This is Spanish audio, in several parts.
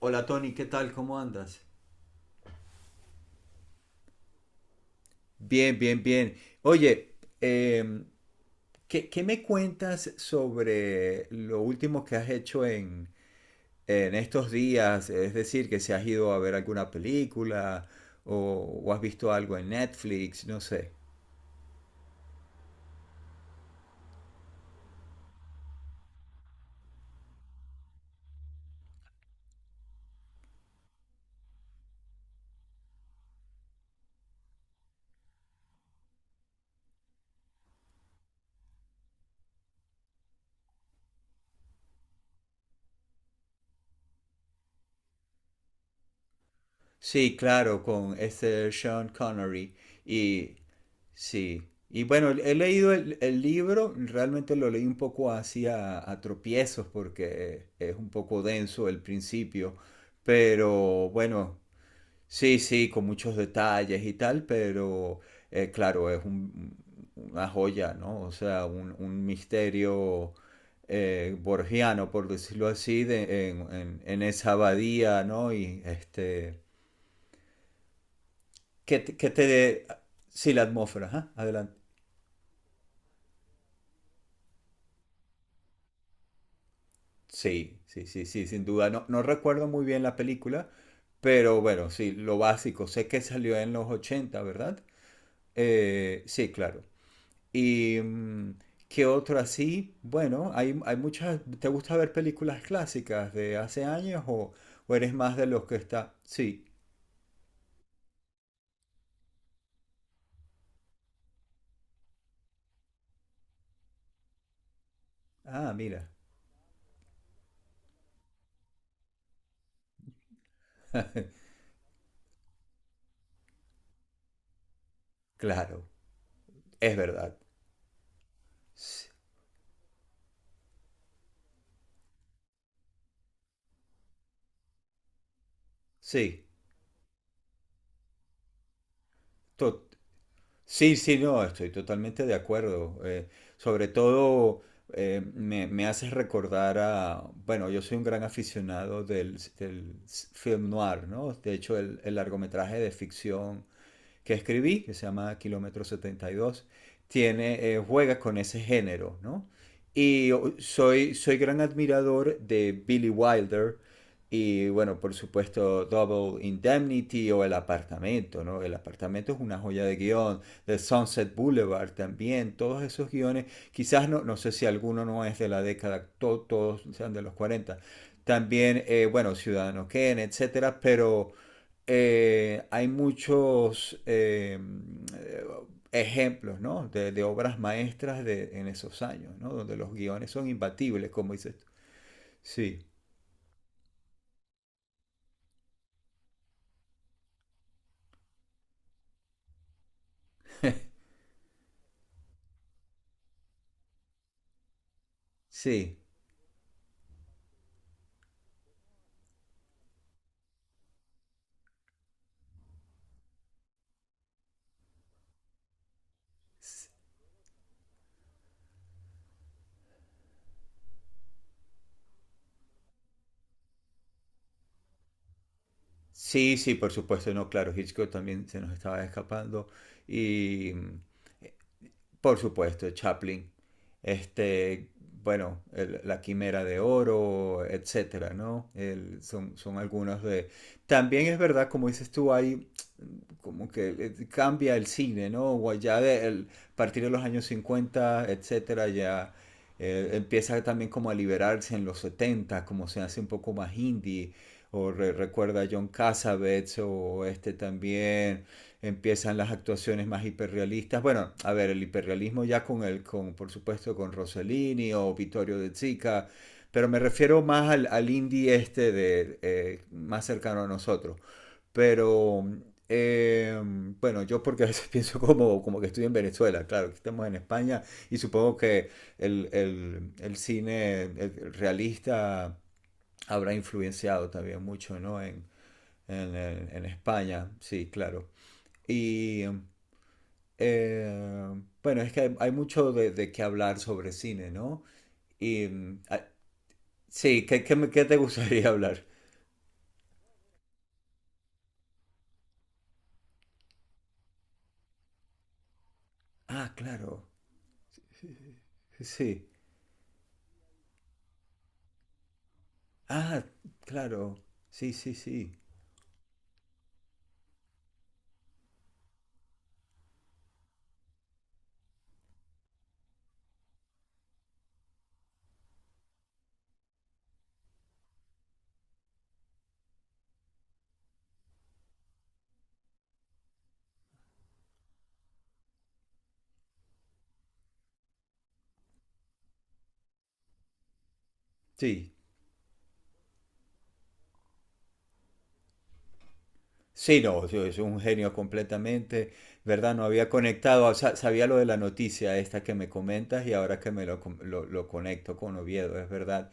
Hola Tony, ¿qué tal? ¿Cómo andas? Bien, bien, bien. Oye, em, ¿qué me cuentas sobre lo último que has hecho en estos días? Es decir, que si has ido a ver alguna película o, o has visto algo en Netflix, no sé. Sí, claro, con este Sean Connery. Y sí. Y bueno, he leído el libro, realmente lo leí un poco así a tropiezos porque es un poco denso el principio, pero bueno, sí, sí, con muchos detalles y tal, pero claro, una joya, ¿no? O sea, un misterio borgiano, por decirlo así, en esa abadía, ¿no? Y este que te dé... Sí, la atmósfera, ajá. Adelante. Sí, sí, sí, sí, sin duda. No, no recuerdo muy bien la película, pero bueno, sí, lo básico. Sé que salió en los ochenta, ¿verdad? Sí, claro. ¿Y qué otro así? Bueno, hay muchas... ¿Te gusta ver películas clásicas de hace años o eres más de los que está... Sí. Ah, mira. Claro, es verdad. Sí, sí, to- Sí, sí, no, estoy totalmente de acuerdo. Sobre todo me haces recordar a, bueno, yo soy un gran aficionado del film noir, ¿no? De hecho, el largometraje de ficción que escribí, que se llama Kilómetro setenta y dos tiene, juega con ese género, ¿no? Y soy gran admirador de Billy Wilder y, bueno, por supuesto, Double Indemnity o El Apartamento, ¿no? El Apartamento es una joya de guión. The Sunset Boulevard también, todos esos guiones, quizás no sé si alguno no es de la década, todos sean de los 40 también, bueno, Ciudadano Kane, etcétera, pero hay muchos ejemplos, ¿no?, de obras maestras de, en esos años, ¿no?, donde los guiones son imbatibles, como dices tú. Sí, sí. s- Sí, sí, por supuesto, no, claro, Hitchcock también se nos estaba escapando y por supuesto, Chaplin. Este, bueno, La Quimera de Oro, etcétera, ¿no? Son algunos de... También es verdad, como dices tú, hay como que cambia el cine, ¿no? O ya a partir de los años cincuenta, etcétera, ya empieza también como a liberarse en los setenta, como se hace un poco más indie, o recuerda a John Cassavetes, o este también, empiezan las actuaciones más hiperrealistas. Bueno, a ver, el hiperrealismo ya con por supuesto, con Rossellini o Vittorio de Sica, pero me refiero más al indie este de más cercano a nosotros. Pero eh, bueno, yo porque a veces pienso como, como que estoy en Venezuela, claro, que estamos en España y supongo que el cine el realista habrá influenciado también mucho, ¿no? En España, sí, claro. Y eh, bueno, es que hay mucho de qué hablar sobre cine, ¿no? Y sí, ¿qué te gustaría hablar? Ah, claro, sí. Ah, claro, sí, sí, sí. Sí, sí, no, yo- es un genio completamente, ¿verdad? No había conectado, o sea, sabía lo de la noticia esta que me comentas y ahora que me lo, lo conecto con Oviedo, es verdad.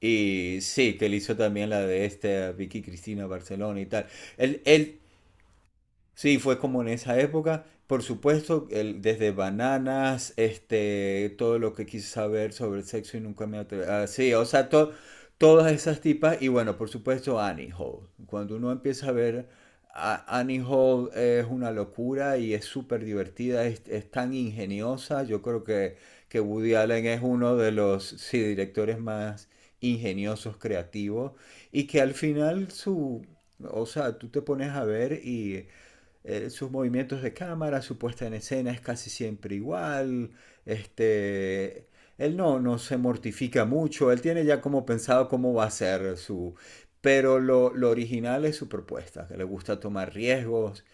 Y sí, que él hizo también la de este Vicky Cristina Barcelona y tal. Él, él, Sí, fue como en esa época. Por supuesto, el- desde Bananas, este, todo lo que quise saber sobre el sexo y nunca me atreví. Ah, sí, o sea, todas esas tipas. Y bueno, por supuesto, Annie Hall. Cuando uno empieza a ver Annie Hall es una locura y es súper divertida, es tan ingeniosa. Yo creo que Woody Allen es uno de los sí, directores más ingeniosos, creativos. Y que al final o sea, tú te pones a ver y sus movimientos de cámara, su puesta en escena es casi siempre igual, este, él no, no se mortifica mucho, él tiene ya como pensado cómo va a ser su... Pero lo original es su propuesta, que le gusta tomar riesgos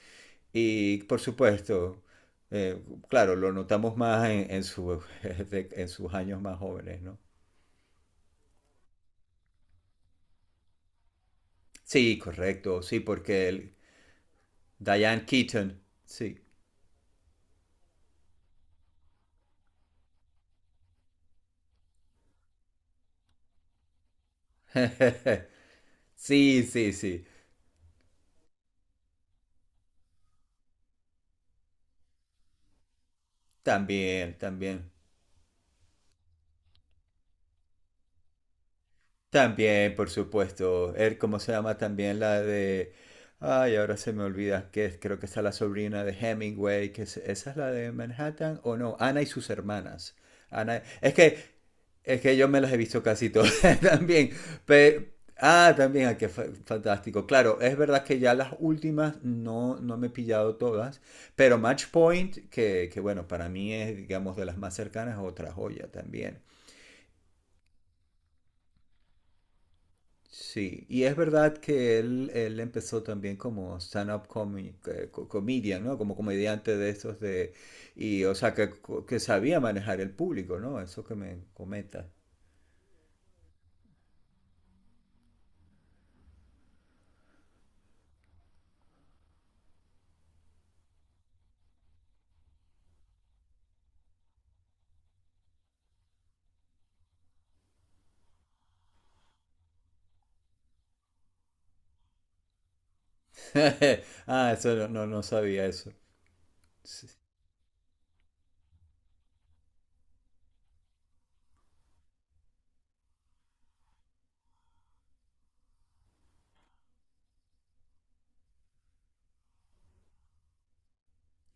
y por supuesto, eh, claro, lo notamos más su, en sus años más jóvenes, ¿no? Sí, correcto, sí, porque el Diane Keaton, sí. Sí, sí, sí, también, también. También, por supuesto. Er, ¿cómo se llama también la de... Ay, ahora se me olvida que es- creo que está la sobrina de Hemingway, que es- esa es la de Manhattan o no, Ana y sus hermanas. Es que es que yo me las he visto casi todas también. Pe- ah, también, ah, qué fantástico. Claro, es verdad que ya las últimas no no me he pillado todas, pero Match Point, que bueno, para mí es digamos de las más cercanas, otra joya también. Sí, y es verdad que él empezó también como stand-up comedian, ¿no? Como comediante de esos de... Y, o sea, que sabía manejar el público, ¿no? Eso que me comenta. Ah, eso no, no, no sabía eso. Sí,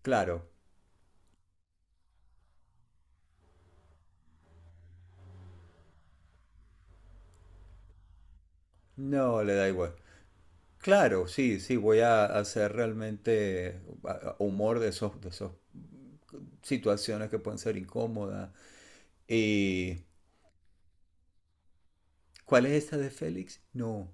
claro, no le da igual. Claro, sí, sí, voy a hacer realmente humor de esos, de esas situaciones que pueden ser incómodas. ¿Y cuál es esta de Félix? No.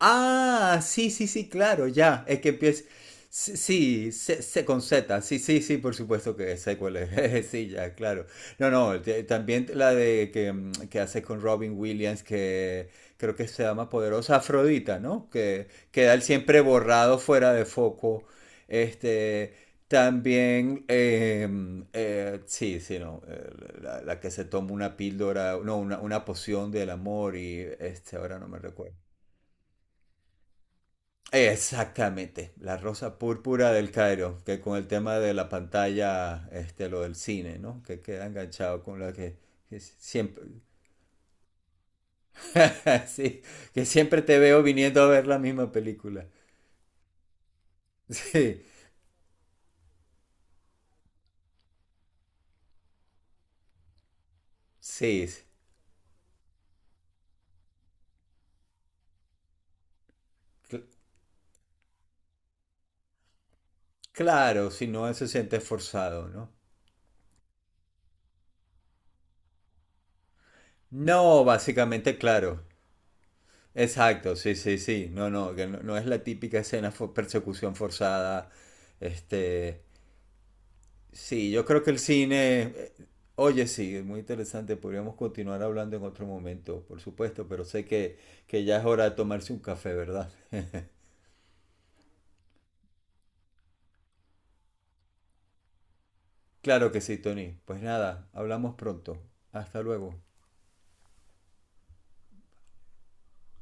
Ah, sí, sí, sí, claro, ya. Es que empieza. Sí, sí, se con Z. Sí, sí, sí, por supuesto que sé cuál es. Jeje, sí, ya, claro. No, no, te- también la de que, que hace con Robin Williams, que creo que se llama Poderosa Afrodita, ¿no? Que queda él siempre borrado fuera de foco. Este. También, sí, sí, no, la que se toma una píldora, no, una poción del amor y este, ahora no me recuerdo. Exactamente, la rosa púrpura del Cairo, que con el tema de la pantalla, este, lo del cine, ¿no? Que queda enganchado con la que siempre, sí, que siempre te veo viniendo a ver la misma película. Sí, sí, sí. Cl- claro, si no se siente forzado, ¿no? No, básicamente, claro. Exacto, sí, sí, sí. No, no, que no, no es la típica escena persecución forzada, este, sí, yo creo que el cine, oye, sí, es muy interesante, podríamos continuar hablando en otro momento, por supuesto, pero sé que ya es hora de tomarse un café, ¿verdad? Claro que sí, Tony. Pues nada, hablamos pronto. Hasta luego.